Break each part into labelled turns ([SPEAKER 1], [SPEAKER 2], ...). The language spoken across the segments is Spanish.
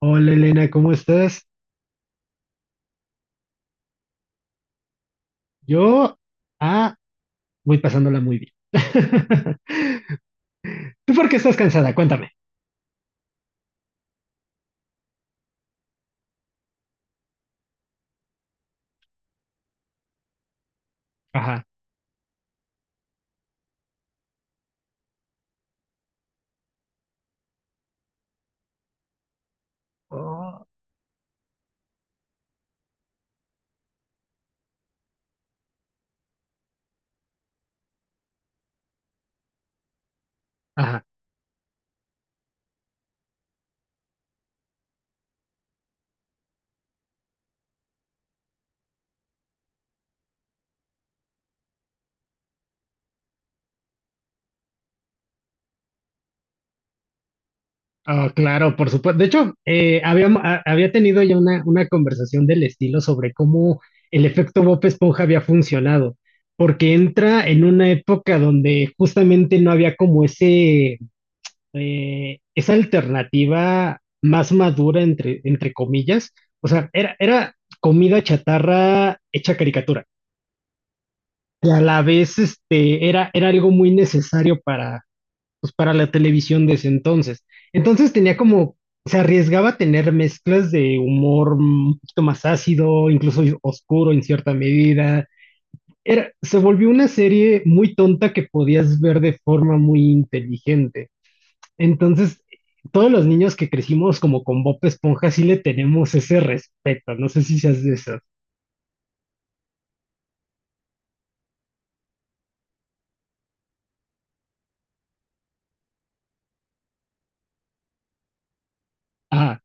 [SPEAKER 1] Hola Elena, ¿cómo estás? Yo, ah, voy pasándola muy bien. ¿Tú por qué estás cansada? Cuéntame. Ajá. Oh, ajá. Oh, claro, por supuesto. De hecho, había tenido ya una conversación del estilo sobre cómo el efecto Bob Esponja había funcionado, porque entra en una época donde justamente no había como ese esa alternativa más madura, entre, entre comillas, o sea, era comida chatarra hecha caricatura. Y a la vez, este, era algo muy necesario para, pues, para la televisión de ese entonces. Entonces tenía como, se arriesgaba a tener mezclas de humor un poquito más ácido, incluso oscuro en cierta medida. Era, se volvió una serie muy tonta que podías ver de forma muy inteligente. Entonces, todos los niños que crecimos como con Bob Esponja sí le tenemos ese respeto. No sé si seas de esos. Ah,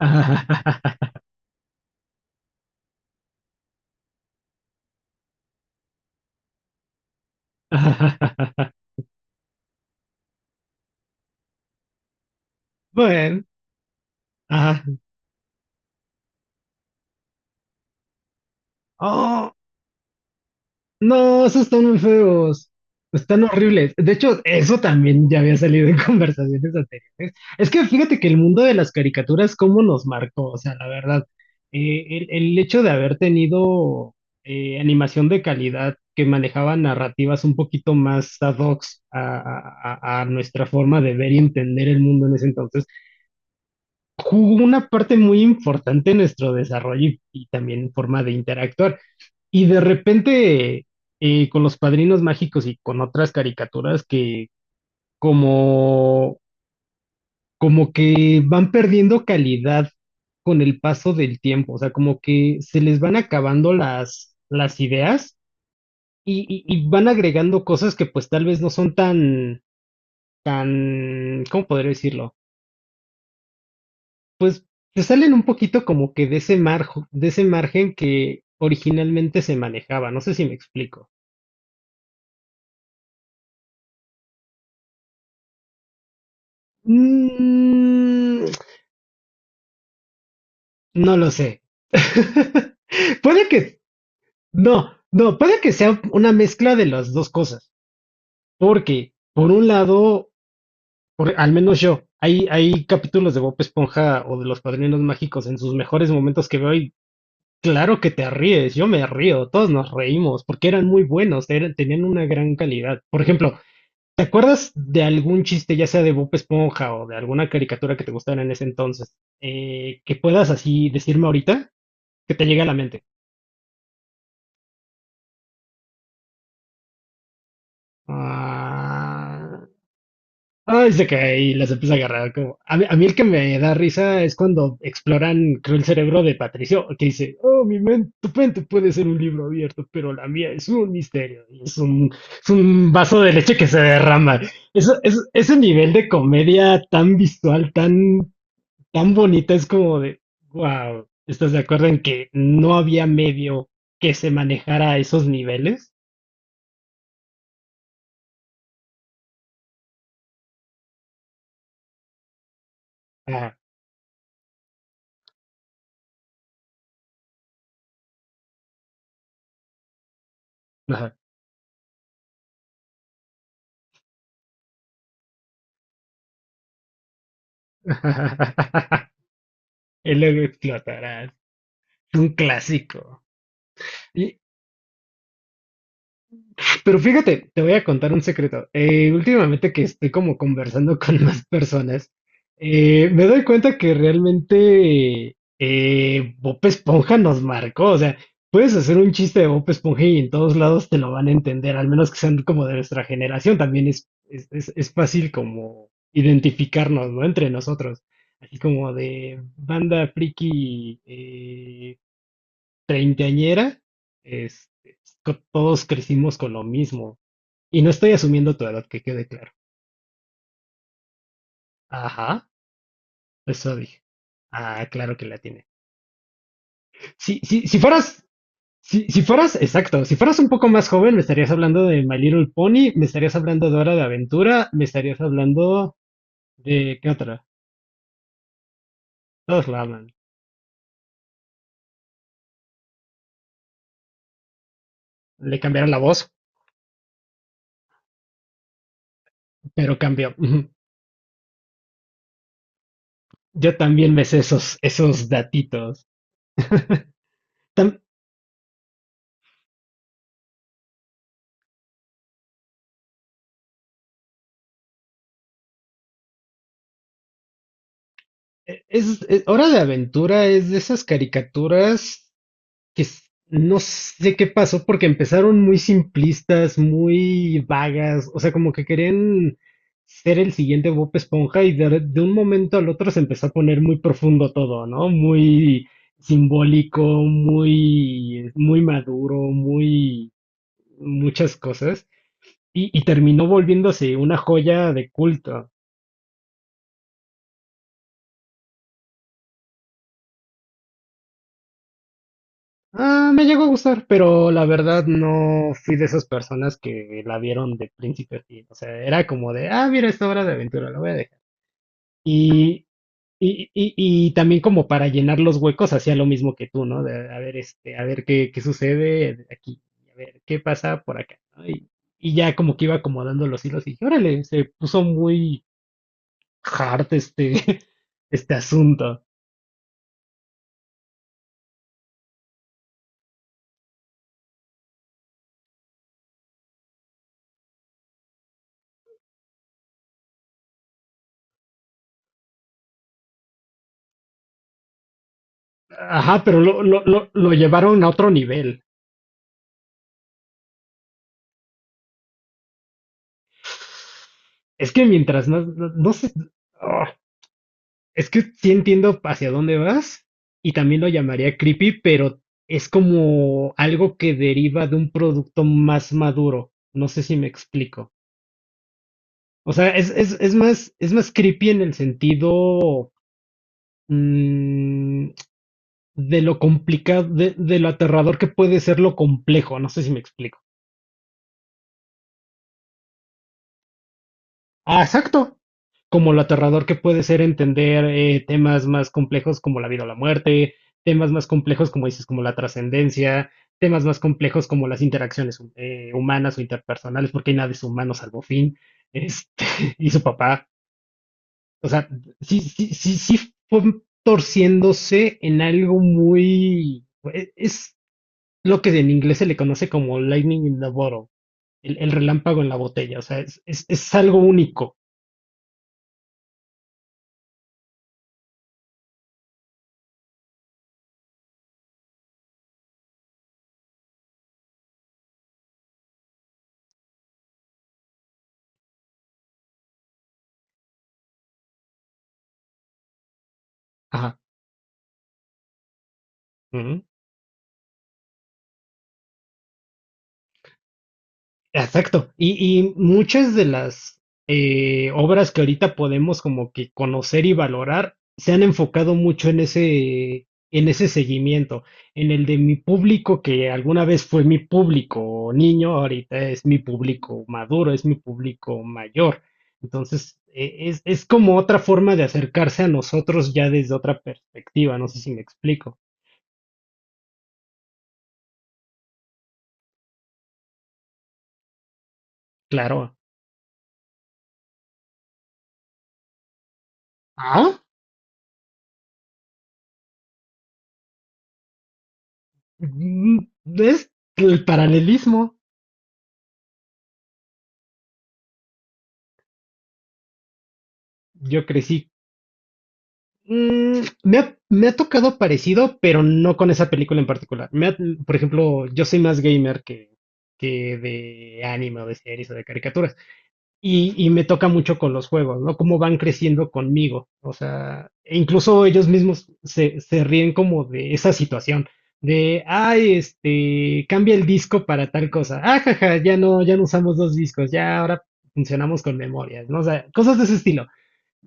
[SPEAKER 1] ah, Bueno, ah, oh, no, esos están muy feos. Están horribles. De hecho, eso también ya había salido en conversaciones anteriores. Es que fíjate que el mundo de las caricaturas, cómo nos marcó, o sea, la verdad, el hecho de haber tenido animación de calidad que manejaba narrativas un poquito más ad hoc a nuestra forma de ver y entender el mundo en ese entonces, jugó una parte muy importante en nuestro desarrollo y también forma de interactuar. Y de repente, con los padrinos mágicos y con otras caricaturas que como, como que van perdiendo calidad con el paso del tiempo, o sea, como que se les van acabando las ideas y y van agregando cosas que pues tal vez no son tan, tan, ¿cómo podría decirlo? Pues se salen un poquito como que de ese de ese margen que originalmente se manejaba, no sé si me explico. Mm, no lo sé. Puede que, no, no, puede que sea una mezcla de las dos cosas, porque por un lado, al menos yo, hay capítulos de Bob Esponja o de Los Padrinos Mágicos en sus mejores momentos que veo y claro que te ríes, yo me río, todos nos reímos, porque eran muy buenos, tenían una gran calidad. Por ejemplo, ¿te acuerdas de algún chiste, ya sea de Bob Esponja o de alguna caricatura que te gustara en ese entonces, que puedas así decirme ahorita, que te llegue a la mente? Ah, ay, se cae y las empieza a agarrar. Como, a mí el que me da risa es cuando exploran, creo, el cerebro de Patricio, que dice, oh, mi mente, tu mente puede ser un libro abierto, pero la mía es un misterio. Y es es un vaso de leche que se derrama. Eso, es, ese nivel de comedia tan visual, tan, tan bonita, es como de, wow, ¿estás de acuerdo en que no había medio que se manejara a esos niveles? Ah, ajá. y luego explotarás. Un clásico. Y- pero fíjate, te voy a contar un secreto. Últimamente que estoy como conversando con más personas, me doy cuenta que realmente Bob Esponja nos marcó. O sea, puedes hacer un chiste de Bob Esponja y en todos lados te lo van a entender, al menos que sean como de nuestra generación. También es fácil como identificarnos, ¿no? Entre nosotros. Así como de banda friki, treintañera, este, todos crecimos con lo mismo. Y no estoy asumiendo tu edad, que quede claro. Ajá, eso dije. Ah, claro que la tiene. Si fueras, si fueras, exacto, si fueras un poco más joven, me estarías hablando de My Little Pony, me estarías hablando de Hora de Aventura, me estarías hablando de, ¿qué otra? Todos la hablan. Le cambiaron la voz, pero cambió. Ujú. Yo también me sé esos datitos. Tam- Hora de Aventura es de esas caricaturas que s- no sé qué pasó porque empezaron muy simplistas, muy vagas, o sea, como que querían ser el siguiente Bob Esponja y de, de un momento al otro se empezó a poner muy profundo todo, ¿no? Muy simbólico, muy maduro, muy muchas cosas y terminó volviéndose una joya de culto. Ah, me llegó a gustar, pero la verdad no fui de esas personas que la vieron de principio a fin. O sea, era como de, ah, mira esta hora de aventura, la voy a dejar. Y, y también como para llenar los huecos hacía lo mismo que tú, ¿no? De, a ver, este, a ver qué sucede aquí, a ver qué pasa por acá, ¿no? Y ya como que iba acomodando los hilos y dije, órale, se puso muy hard este, este asunto. Ajá, pero lo llevaron a otro nivel. Es que mientras no sé, ah, es que sí entiendo hacia dónde vas y también lo llamaría creepy, pero es como algo que deriva de un producto más maduro. No sé si me explico. O sea, es más creepy en el sentido mm, de lo complicado, de lo aterrador que puede ser lo complejo. No sé si me explico. Ah, exacto. Como lo aterrador que puede ser entender temas más complejos como la vida o la muerte, temas más complejos como dices, como la trascendencia, temas más complejos como las interacciones humanas o interpersonales, porque hay nada de humano salvo Finn este, y su papá. O sea, sí fue torciéndose en algo muy... Es lo que en inglés se le conoce como lightning in the bottle, el relámpago en la botella. O sea, es algo único. Ajá. Uh -huh. Exacto. Y muchas de las obras que ahorita podemos como que conocer y valorar se han enfocado mucho en ese seguimiento, en el de mi público que alguna vez fue mi público niño, ahorita es mi público maduro, es mi público mayor. Entonces, es como otra forma de acercarse a nosotros ya desde otra perspectiva, no sé si me explico. Claro. Ah, mm, es el paralelismo. Yo crecí mm, me ha tocado parecido, pero no con esa película en particular. Por ejemplo, yo soy más gamer que de anime o de series o de caricaturas. Y me toca mucho con los juegos, ¿no? Cómo van creciendo conmigo. O sea, e incluso ellos mismos se ríen como de esa situación. De, ay, este, cambia el disco para tal cosa. Ah, jaja, ya no usamos dos discos, ya ahora funcionamos con memorias, ¿no? O sea, cosas de ese estilo.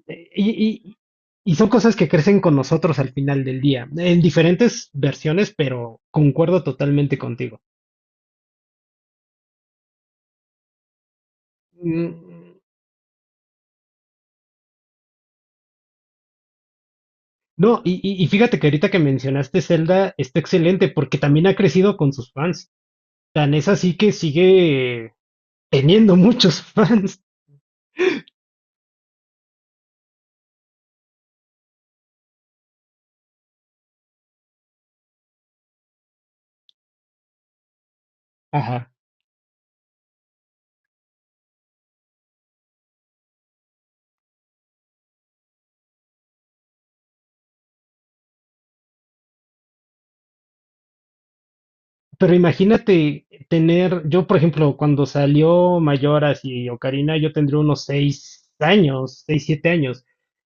[SPEAKER 1] Eh, Y, y- y son cosas que crecen con nosotros al final del día, en diferentes versiones, pero concuerdo totalmente contigo. Mm, no, y fíjate que ahorita que mencionaste Zelda está excelente porque también ha crecido con sus fans. Tan es así que sigue teniendo muchos fans. Ajá. Pero imagínate tener, yo por ejemplo, cuando salió Mayoras y Ocarina, yo tendría unos 6 años, seis, 7 años.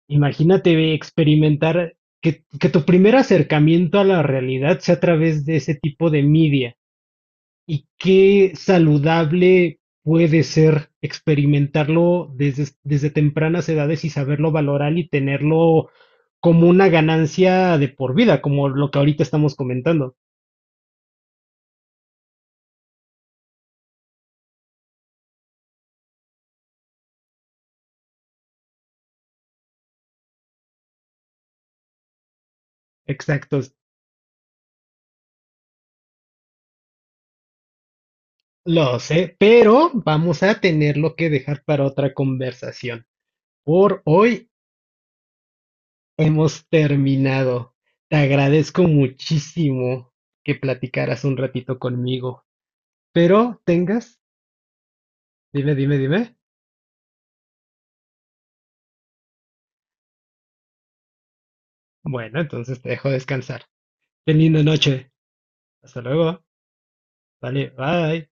[SPEAKER 1] Imagínate experimentar que tu primer acercamiento a la realidad sea a través de ese tipo de media. Y qué saludable puede ser experimentarlo desde, desde tempranas edades y saberlo valorar y tenerlo como una ganancia de por vida, como lo que ahorita estamos comentando. Exacto, lo sé, pero vamos a tenerlo que dejar para otra conversación. Por hoy hemos terminado. Te agradezco muchísimo que platicaras un ratito conmigo, pero tengas, dime, dime, dime. Bueno, entonces te dejo descansar. Ten linda noche. Hasta luego. Vale, bye.